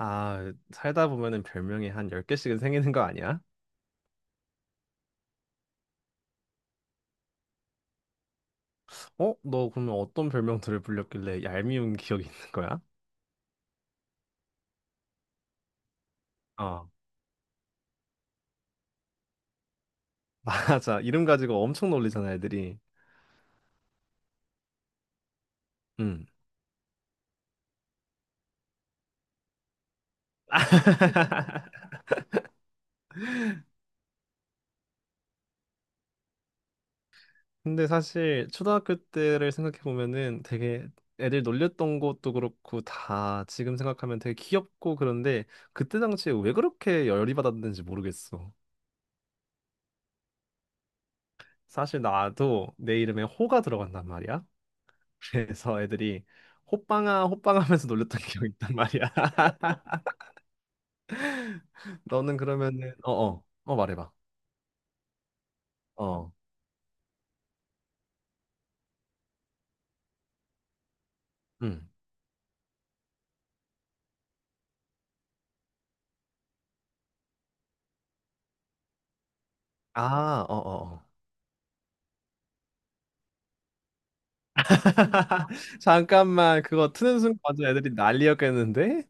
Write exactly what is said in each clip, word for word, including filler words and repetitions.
아, 살다 보면은 별명이 한 열 개씩은 생기는 거 아니야? 어? 너 그러면 어떤 별명들을 불렸길래 얄미운 기억이 있는 거야? 어. 맞아. 이름 가지고 엄청 놀리잖아, 애들이. 음. 근데 사실 초등학교 때를 생각해 보면은 되게 애들 놀렸던 것도 그렇고 다 지금 생각하면 되게 귀엽고 그런데 그때 당시에 왜 그렇게 열이 받았는지 모르겠어. 사실 나도 내 이름에 호가 들어간단 말이야. 그래서 애들이 호빵아 호빵 하면서 놀렸던 기억이 있단 말이야. 너는 그러면은 어 어 어 어, 말해봐. 어. 응. 아, 어, 어, 어. 잠깐만, 그거 트는 순간 완전 애들이 난리였겠는데?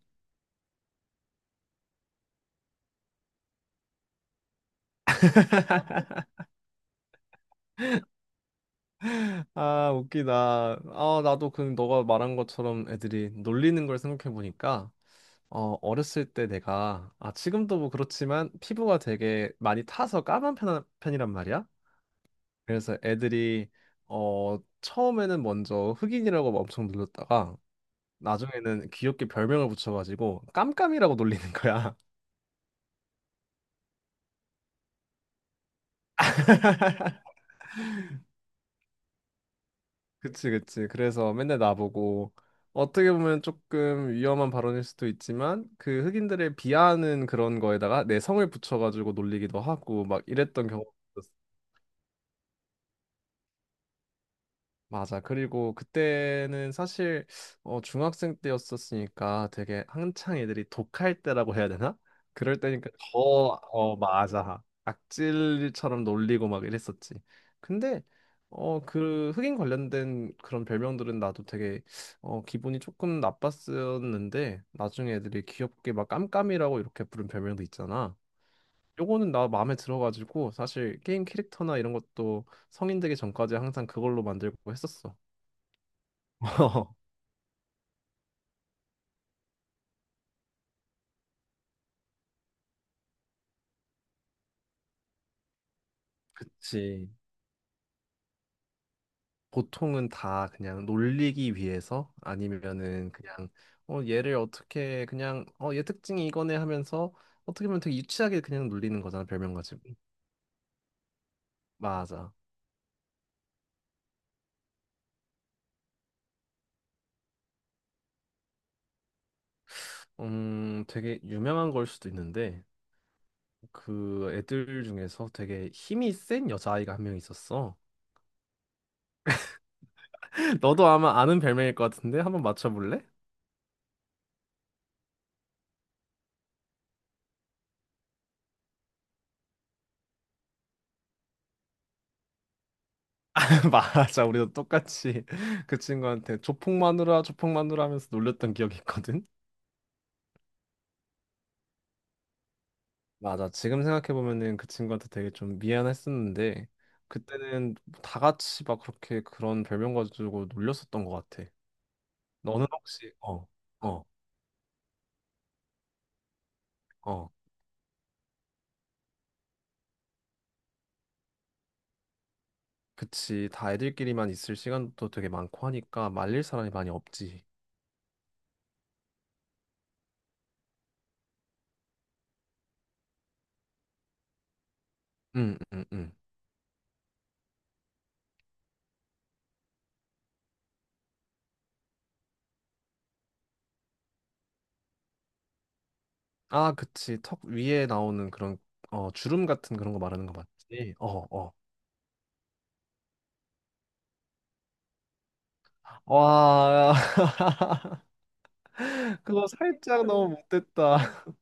아, 웃기다. 아, 나도 그 너가 말한 것처럼 애들이 놀리는 걸 생각해 보니까 어, 어렸을 때 내가 아, 지금도 뭐 그렇지만 피부가 되게 많이 타서 까만 편, 편이란 말이야. 그래서 애들이 어 처음에는 먼저 흑인이라고 막 엄청 놀렸다가 나중에는 귀엽게 별명을 붙여가지고 깜깜이라고 놀리는 거야. 그치 그치. 그래서 맨날 나보고 어떻게 보면 조금 위험한 발언일 수도 있지만 그 흑인들을 비하하는 그런 거에다가 내 성을 붙여가지고 놀리기도 하고 막 이랬던 경우. 있었어요. 맞아. 그리고 그때는 사실 어, 중학생 때였었으니까 되게 한창 애들이 독할 때라고 해야 되나? 그럴 때니까 더, 어, 맞아. 악질처럼 놀리고 막 이랬었지. 근데 어, 그 흑인 관련된 그런 별명들은 나도 되게 어, 기분이 조금 나빴었는데 나중에 애들이 귀엽게 막 깜깜이라고 이렇게 부른 별명도 있잖아. 요거는 나 마음에 들어가지고 사실 게임 캐릭터나 이런 것도 성인 되기 전까지 항상 그걸로 만들고 했었어. 그치. 보통은 다 그냥 놀리기 위해서 아니면은 그냥 어 얘를 어떻게 그냥 어 얘 특징이 이거네 하면서 어떻게 보면 되게 유치하게 그냥 놀리는 거잖아 별명 가지고. 맞아. 음, 되게 유명한 걸 수도 있는데 그 애들 중에서 되게 힘이 센 여자아이가 한 명 있었어. 너도 아마 아는 별명일 것 같은데 한번 맞춰볼래? 맞아, 우리도 똑같이 그 친구한테 조폭 마누라 조폭 마누라 하면서 놀렸던 기억이 있거든. 맞아. 지금 생각해보면은 그 친구한테 되게 좀 미안했었는데, 그때는 다 같이 막 그렇게 그런 별명 가지고 놀렸었던 것 같아. 너는 혹시, 어, 어, 어. 그치. 다 애들끼리만 있을 시간도 되게 많고 하니까 말릴 사람이 많이 없지. 응, 응, 응. 아, 그치. 턱 위에 나오는 그런, 어, 주름 같은 그런 거 말하는 거 맞지? 어, 어. 와, 그거 살짝 너무 못됐다.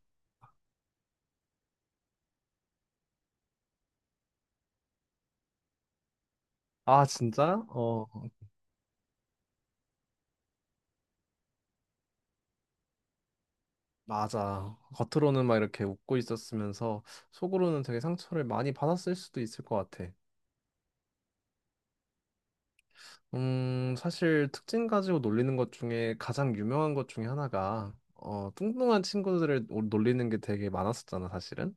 아, 진짜? 어. 맞아. 겉으로는 막 이렇게 웃고 있었으면서 속으로는 되게 상처를 많이 받았을 수도 있을 것 같아. 음, 사실 특징 가지고 놀리는 것 중에 가장 유명한 것 중에 하나가 어, 뚱뚱한 친구들을 노- 놀리는 게 되게 많았었잖아, 사실은.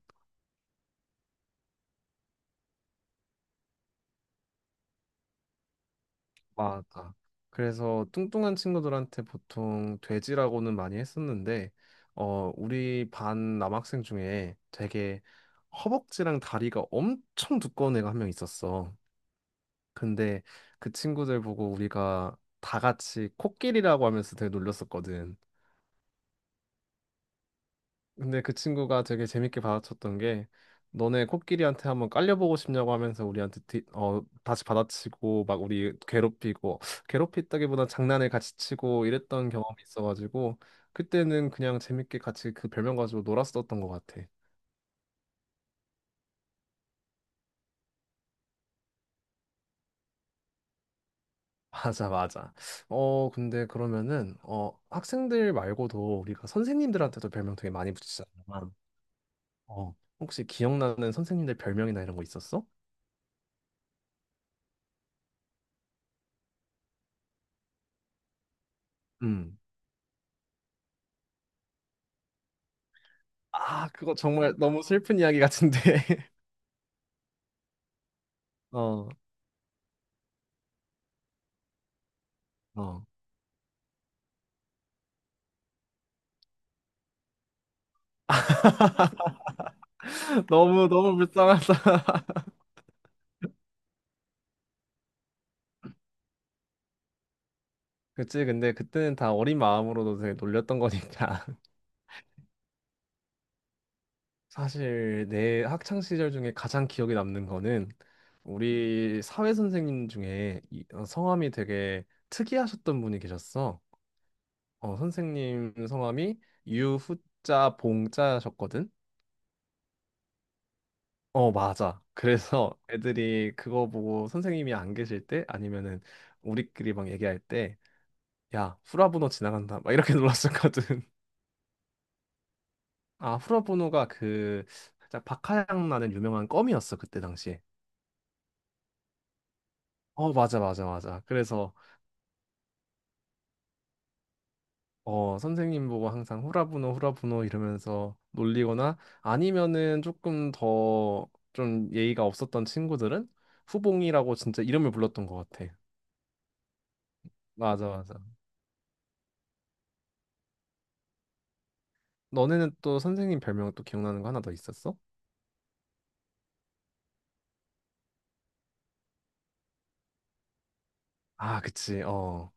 맞아. 그래서 뚱뚱한 친구들한테 보통 돼지라고는 많이 했었는데 어, 우리 반 남학생 중에 되게 허벅지랑 다리가 엄청 두꺼운 애가 한 명 있었어. 근데 그 친구들 보고 우리가 다 같이 코끼리라고 하면서 되게 놀렸었거든. 근데 그 친구가 되게 재밌게 받아쳤던 게 너네 코끼리한테 한번 깔려보고 싶냐고 하면서 우리한테 뒤, 어, 다시 받아치고 막 우리 괴롭히고 괴롭히다기보다 장난을 같이 치고 이랬던 경험이 있어가지고 그때는 그냥 재밌게 같이 그 별명 가지고 놀았었던 것 같아. 맞아, 맞아. 어, 근데 그러면은 어, 학생들 말고도 우리가 선생님들한테도 별명 되게 많이 붙이잖아. 어, 혹시 기억나는 선생님들 별명이나 이런 거 있었어? 음. 아, 그거 정말 너무 슬픈 이야기 같은데. 어, 어. 너무, 너무 불쌍하다. 그치, 근데 그때는 다 어린 마음으로도 되게 놀렸던 거니까. 사실 내 학창 시절 중에 가장 기억에 남는 거는 우리 사회 선생님 중에 이- 어, 성함이 되게 특이하셨던 분이 계셨어. 어, 선생님 성함이 유후자 봉자셨거든. 어, 맞아. 그래서 애들이 그거 보고 선생님이 안 계실 때 아니면은 우리끼리 막 얘기할 때, 야, 후라부노 지나간다. 막 이렇게 놀랐었거든. 아, 후라부노가 그 살짝 박하향 나는 유명한 껌이었어, 그때 당시에. 어, 맞아, 맞아, 맞아. 그래서 어, 선생님 보고 항상 후라부노, 후라부노 이러면서 놀리거나 아니면은 조금 더 좀 예의가 없었던 친구들은 후봉이라고 진짜 이름을 불렀던 것 같아. 맞아, 맞아. 너네는 또 선생님 별명 또 기억나는 거 하나 더 있었어? 아, 그치. 어.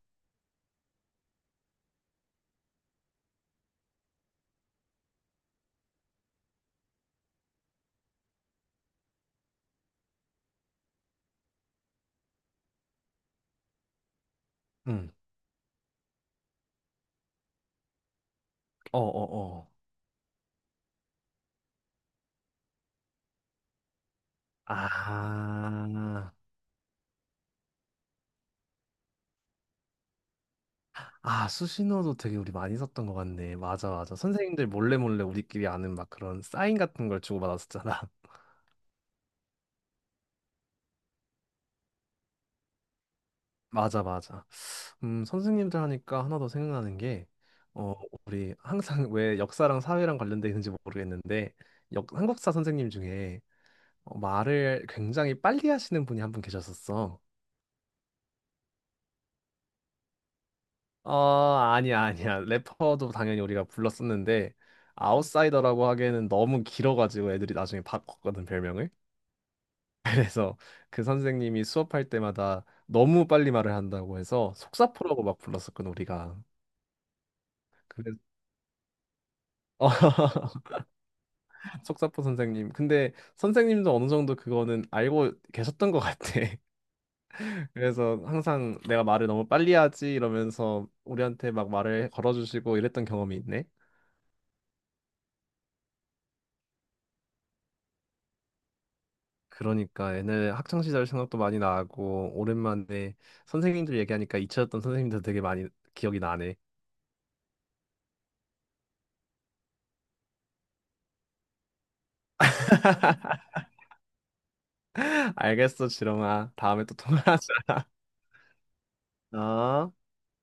응. 어, 어, 어. 아. 아, 수신호도 되게 우리 많이 썼던 것 같네. 맞아, 맞아. 선생님들 몰래 몰래 우리끼리 아는 막 그런 사인 같은 걸 주고받았었잖아. 맞아, 맞아. 음, 선생님들 하니까 하나 더 생각나는 게, 어, 우리 항상 왜 역사랑 사회랑 관련돼 있는지 모르겠는데, 역, 한국사 선생님 중에 어, 말을 굉장히 빨리 하시는 분이 한 분 계셨었어. 어, 아니야, 아니야. 래퍼도 당연히 우리가 불렀었는데, 아웃사이더라고 하기에는 너무 길어가지고 애들이 나중에 바꿨거든, 별명을. 그래서 그 선생님이 수업할 때마다 너무 빨리 말을 한다고 해서 속사포라고 막 불렀었거든, 우리가. 그래서 어, 속사포 선생님. 근데 선생님도 어느 정도 그거는 알고 계셨던 것 같아. 그래서 항상 내가 말을 너무 빨리 하지 이러면서 우리한테 막 말을 걸어주시고 이랬던 경험이 있네. 그러니까 옛날에 학창 시절 생각도 많이 나고 오랜만에 선생님들 얘기하니까 잊혀졌던 선생님들 되게 많이 기억이 나네. 알겠어, 지렁아. 다음에 또 통화하자. 어?